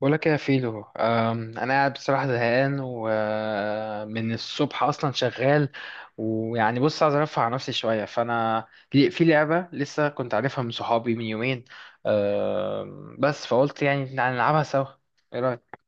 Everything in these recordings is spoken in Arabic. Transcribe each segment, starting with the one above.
بقولك إيه يا فيلو، انا قاعد بصراحه زهقان ومن الصبح اصلا شغال. ويعني بص عايز ارفع عن نفسي شويه فانا في لعبه لسه كنت عارفها من صحابي من يومين. بس فقلت يعني نلعبها سوا. ايه رايك؟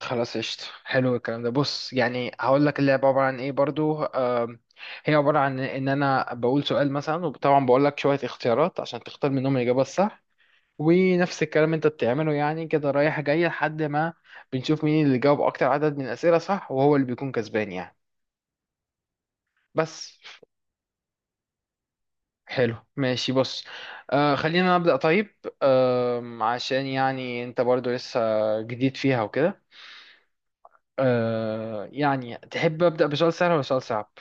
خلاص قشطة، حلو الكلام ده. بص يعني هقول لك اللعبة عبارة عن ايه برضو. هي عبارة عن ان انا بقول سؤال مثلا وطبعا بقول لك شوية اختيارات عشان تختار منهم الإجابة الصح، ونفس الكلام انت بتعمله يعني كده رايح جاي لحد ما بنشوف مين اللي جاوب اكتر عدد من الاسئله صح وهو اللي بيكون كسبان يعني. بس. حلو ماشي، بص. خلينا نبدا طيب. عشان يعني انت برضو لسه جديد فيها وكده. يعني تحب ابدا بسؤال سهل ولا سؤال صعب؟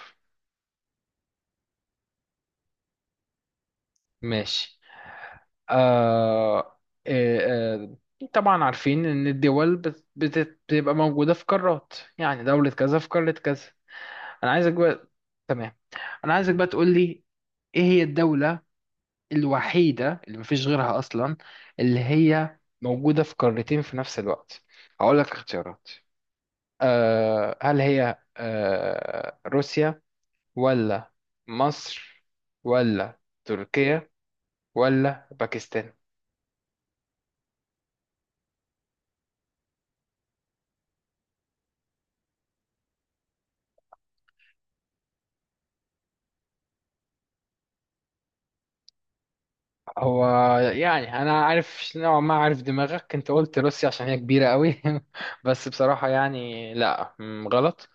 ماشي. آه آه طبعا عارفين ان الدول بتبقى موجوده في قارات، يعني دوله كذا في قاره كذا. انا عايزك بقى تمام. انا عايزك بقى تقول لي ايه هي الدولة الوحيدة اللي مفيش غيرها اصلا اللي هي موجودة في قارتين في نفس الوقت. هقول لك اختيارات. هل هي روسيا، ولا مصر، ولا تركيا، ولا باكستان؟ هو يعني انا عارف نوعا ما عارف دماغك، انت قلت روسيا عشان هي كبيرة قوي. بس بصراحة يعني لا غلط.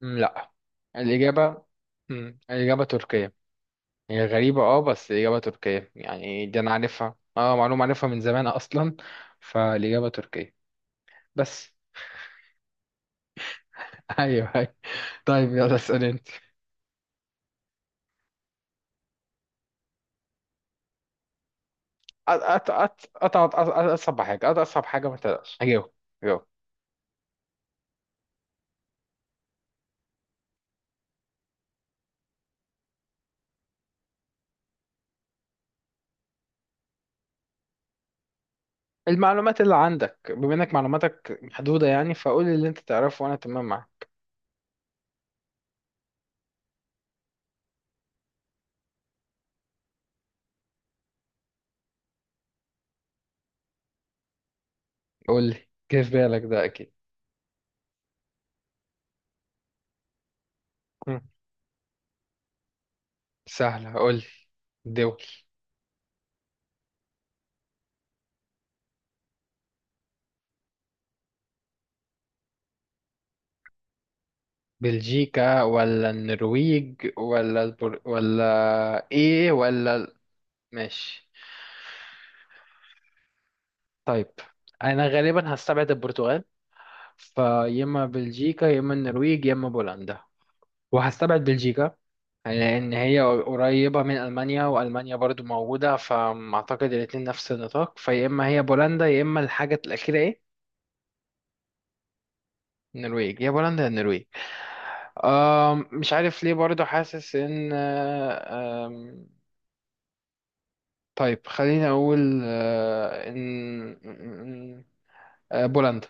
لا. الإجابة. الإجابة تركية. هي غريبة بس الإجابة تركية، يعني دي أنا عارفها معلومة عارفها من زمان أصلا. فالإجابة تركية. بس. أيوه أيوه. طيب يلا اسأل أنت. أت- أت- أت- أت- أت- أصعب حاجة أصعب حاجة، ما تقلقش هجاوب. هجاوب. المعلومات اللي عندك بما إنك معلوماتك محدودة يعني، فقول لي اللي أنت تعرفه وأنا تمام معاك. قول لي، جه في بالك ده أكيد. مم، سهلة، قول لي دول. بلجيكا، ولا النرويج، ولا ولا ايه، ولا ماشي. طيب انا غالبا هستبعد البرتغال، فيا اما بلجيكا يا اما النرويج يا اما بولندا. وهستبعد بلجيكا لان هي قريبة من المانيا والمانيا برضو موجودة فاعتقد الاتنين نفس النطاق، فيا اما هي بولندا يا اما الحاجة الاخيرة ايه. النرويج، يا بولندا يا النرويج. مش عارف ليه برضو حاسس ان، طيب خليني أقول بولندا.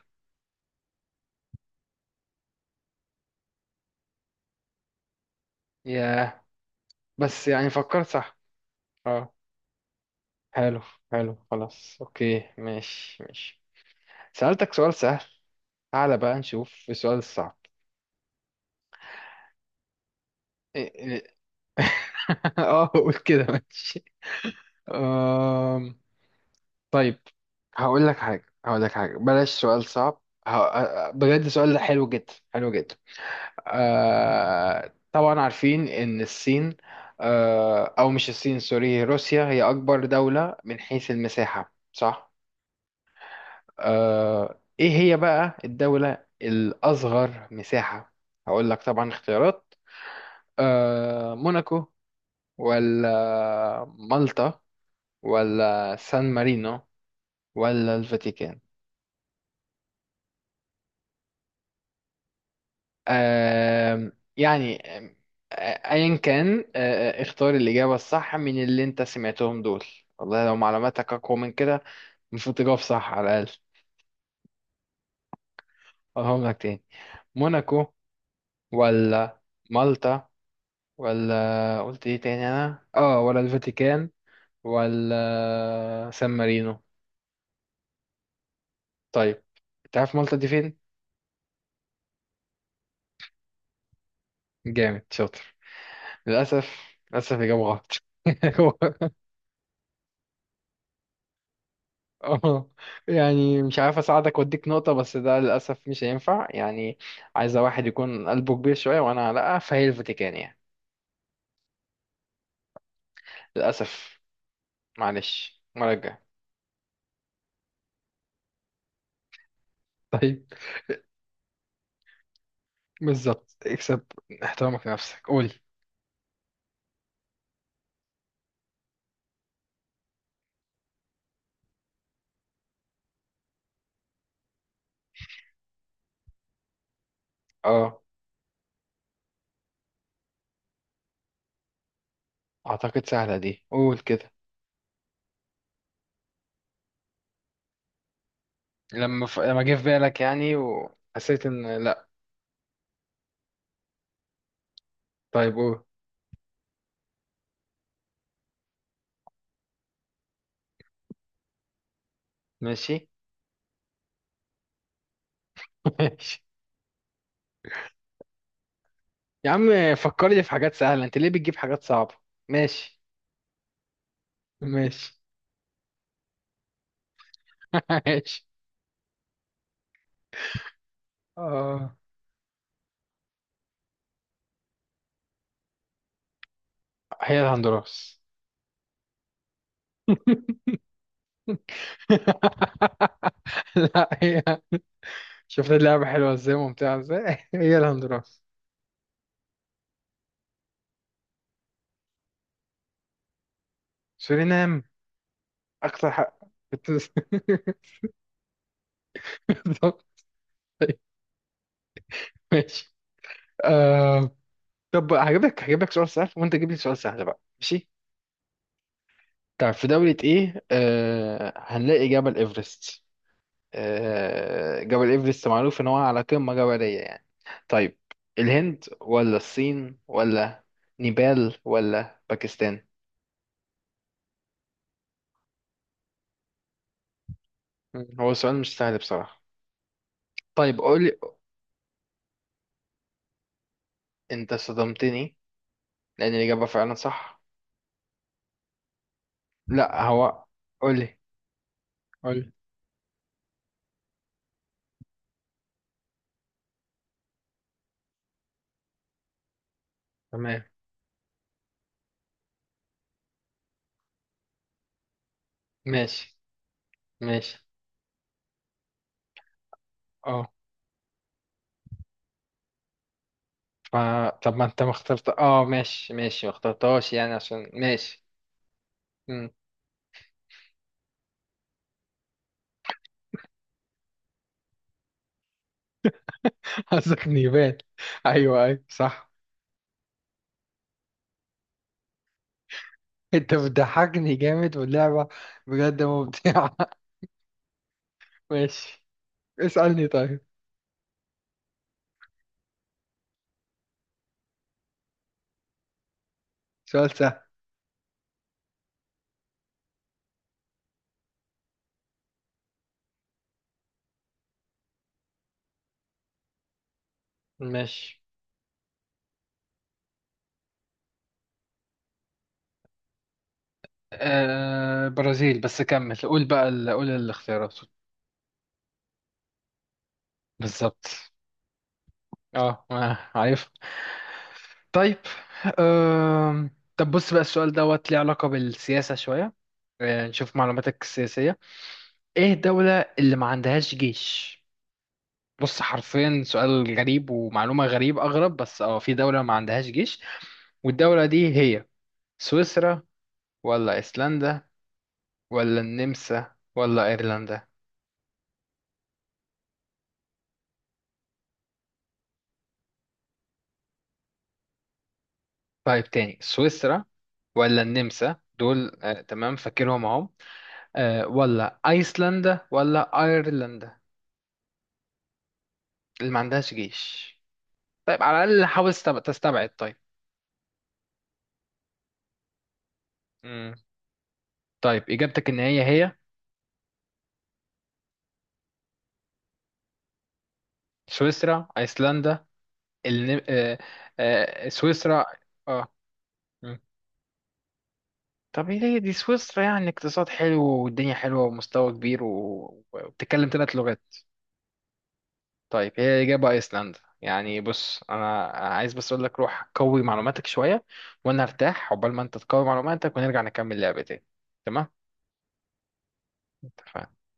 ياه. بس يعني فكرت صح. اه. حلو. حلو خلاص أوكي، ماشي ماشي. سألتك سؤال سهل، تعالى بقى نشوف في السؤال الصعب. إيه. اه قول كده، ماشي. أم، طيب هقول لك حاجة، هقول لك حاجة، بلاش سؤال صعب بجد سؤال حلو جدا، حلو جدا. طبعا عارفين ان الصين، او مش الصين، سوري، روسيا هي اكبر دولة من حيث المساحة صح. ايه هي بقى الدولة الاصغر مساحة؟ هقول لك طبعا اختيارات. موناكو، ولا مالطا، ولا سان مارينو، ولا الفاتيكان. يعني آه، ايا كان، اختار الاجابه الصح من اللي انت سمعتهم دول. والله لو معلوماتك اقوى من كده المفروض تجاوب صح على الاقل. اقولهم لك تاني. موناكو، ولا مالطا، ولا قلت ايه تاني انا ولا الفاتيكان، ولا سان مارينو. طيب. تعرف مالطا دي فين؟ جامد، شاطر. للاسف، للاسف اجابه غلط. اه يعني مش عارف اساعدك واديك نقطة بس ده للأسف مش هينفع يعني. عايزة واحد يكون قلبه كبير شوية وانا لا، فهي الفاتيكان يعني. للأسف. معلش المرة الجاية. طيب. بالظبط، اكسب احترامك لنفسك، قول. اه اعتقد سهلة دي، قول كده. لما جه في بالك يعني وحسيت ان لا. طيب قول. ماشي. ماشي يا عم، فكرني في حاجات سهلة، انت ليه بتجيب حاجات صعبة؟ ماشي. ماشي. ماشي. اه هي الهندوراس. لا هي، شفت اللعبة حلوة ازاي، ممتعة ازاي. هي الهندوراس. سورينام، أكتر حق بتس- بالظبط. طيب، ماشي. آه... طب هجيبك سؤال سهل وأنت تجيب لي سؤال سهل بقى، ماشي. طب في دولة إيه هنلاقي جبل إيفرست. جبل إيفرست معروف إن هو على قمة جبلية يعني. طيب، الهند ولا الصين ولا نيبال ولا باكستان؟ مم. هو السؤال مش سهل بصراحة. طيب قولي، انت صدمتني لان الإجابة فعلا صح. لا هو. قولي. قولي. تمام. ماشي ماشي. اه ف... طب ما انت ما اخترت ماشي ماشي ما اخترتهاش يعني، عشان ماشي. مم. قصدك نيفال؟ ايوه ايوه، صح. انت بتضحكني جامد، واللعبة بجد ممتعة. ماشي. اسألني طيب. سؤال سهل. ماشي. برازيل. بس كمل، قول بقى قول الاختيارات. بالظبط. اه عارف. طيب. أم... طب بص بقى السؤال دوت ليه علاقة بالسياسة شوية. نشوف معلوماتك السياسية. ايه الدولة اللي ما عندهاش جيش؟ بص حرفيا سؤال غريب ومعلومة غريب أغرب، بس في دولة ما عندهاش جيش. والدولة دي هي سويسرا، ولا أيسلندا، ولا النمسا، ولا أيرلندا. طيب تاني، سويسرا ولا النمسا، دول تمام فاكرهم اهو. ولا ايسلندا ولا ايرلندا اللي ما عندهاش جيش. طيب على الاقل حاول تستبعد طيب. مم. طيب اجابتك ان هي هي سويسرا، ايسلندا، الن... آه، سويسرا. اه. مم. طب هي دي سويسرا يعني اقتصاد حلو والدنيا حلوه ومستوى كبير وبتتكلم ثلاث لغات. طيب هي اجابه ايسلندا يعني، بص انا عايز بس اقول لك روح قوي معلوماتك شويه وانا ارتاح عقبال ما انت تقوي معلوماتك ونرجع نكمل لعبة تاني. تمام. اتفقنا.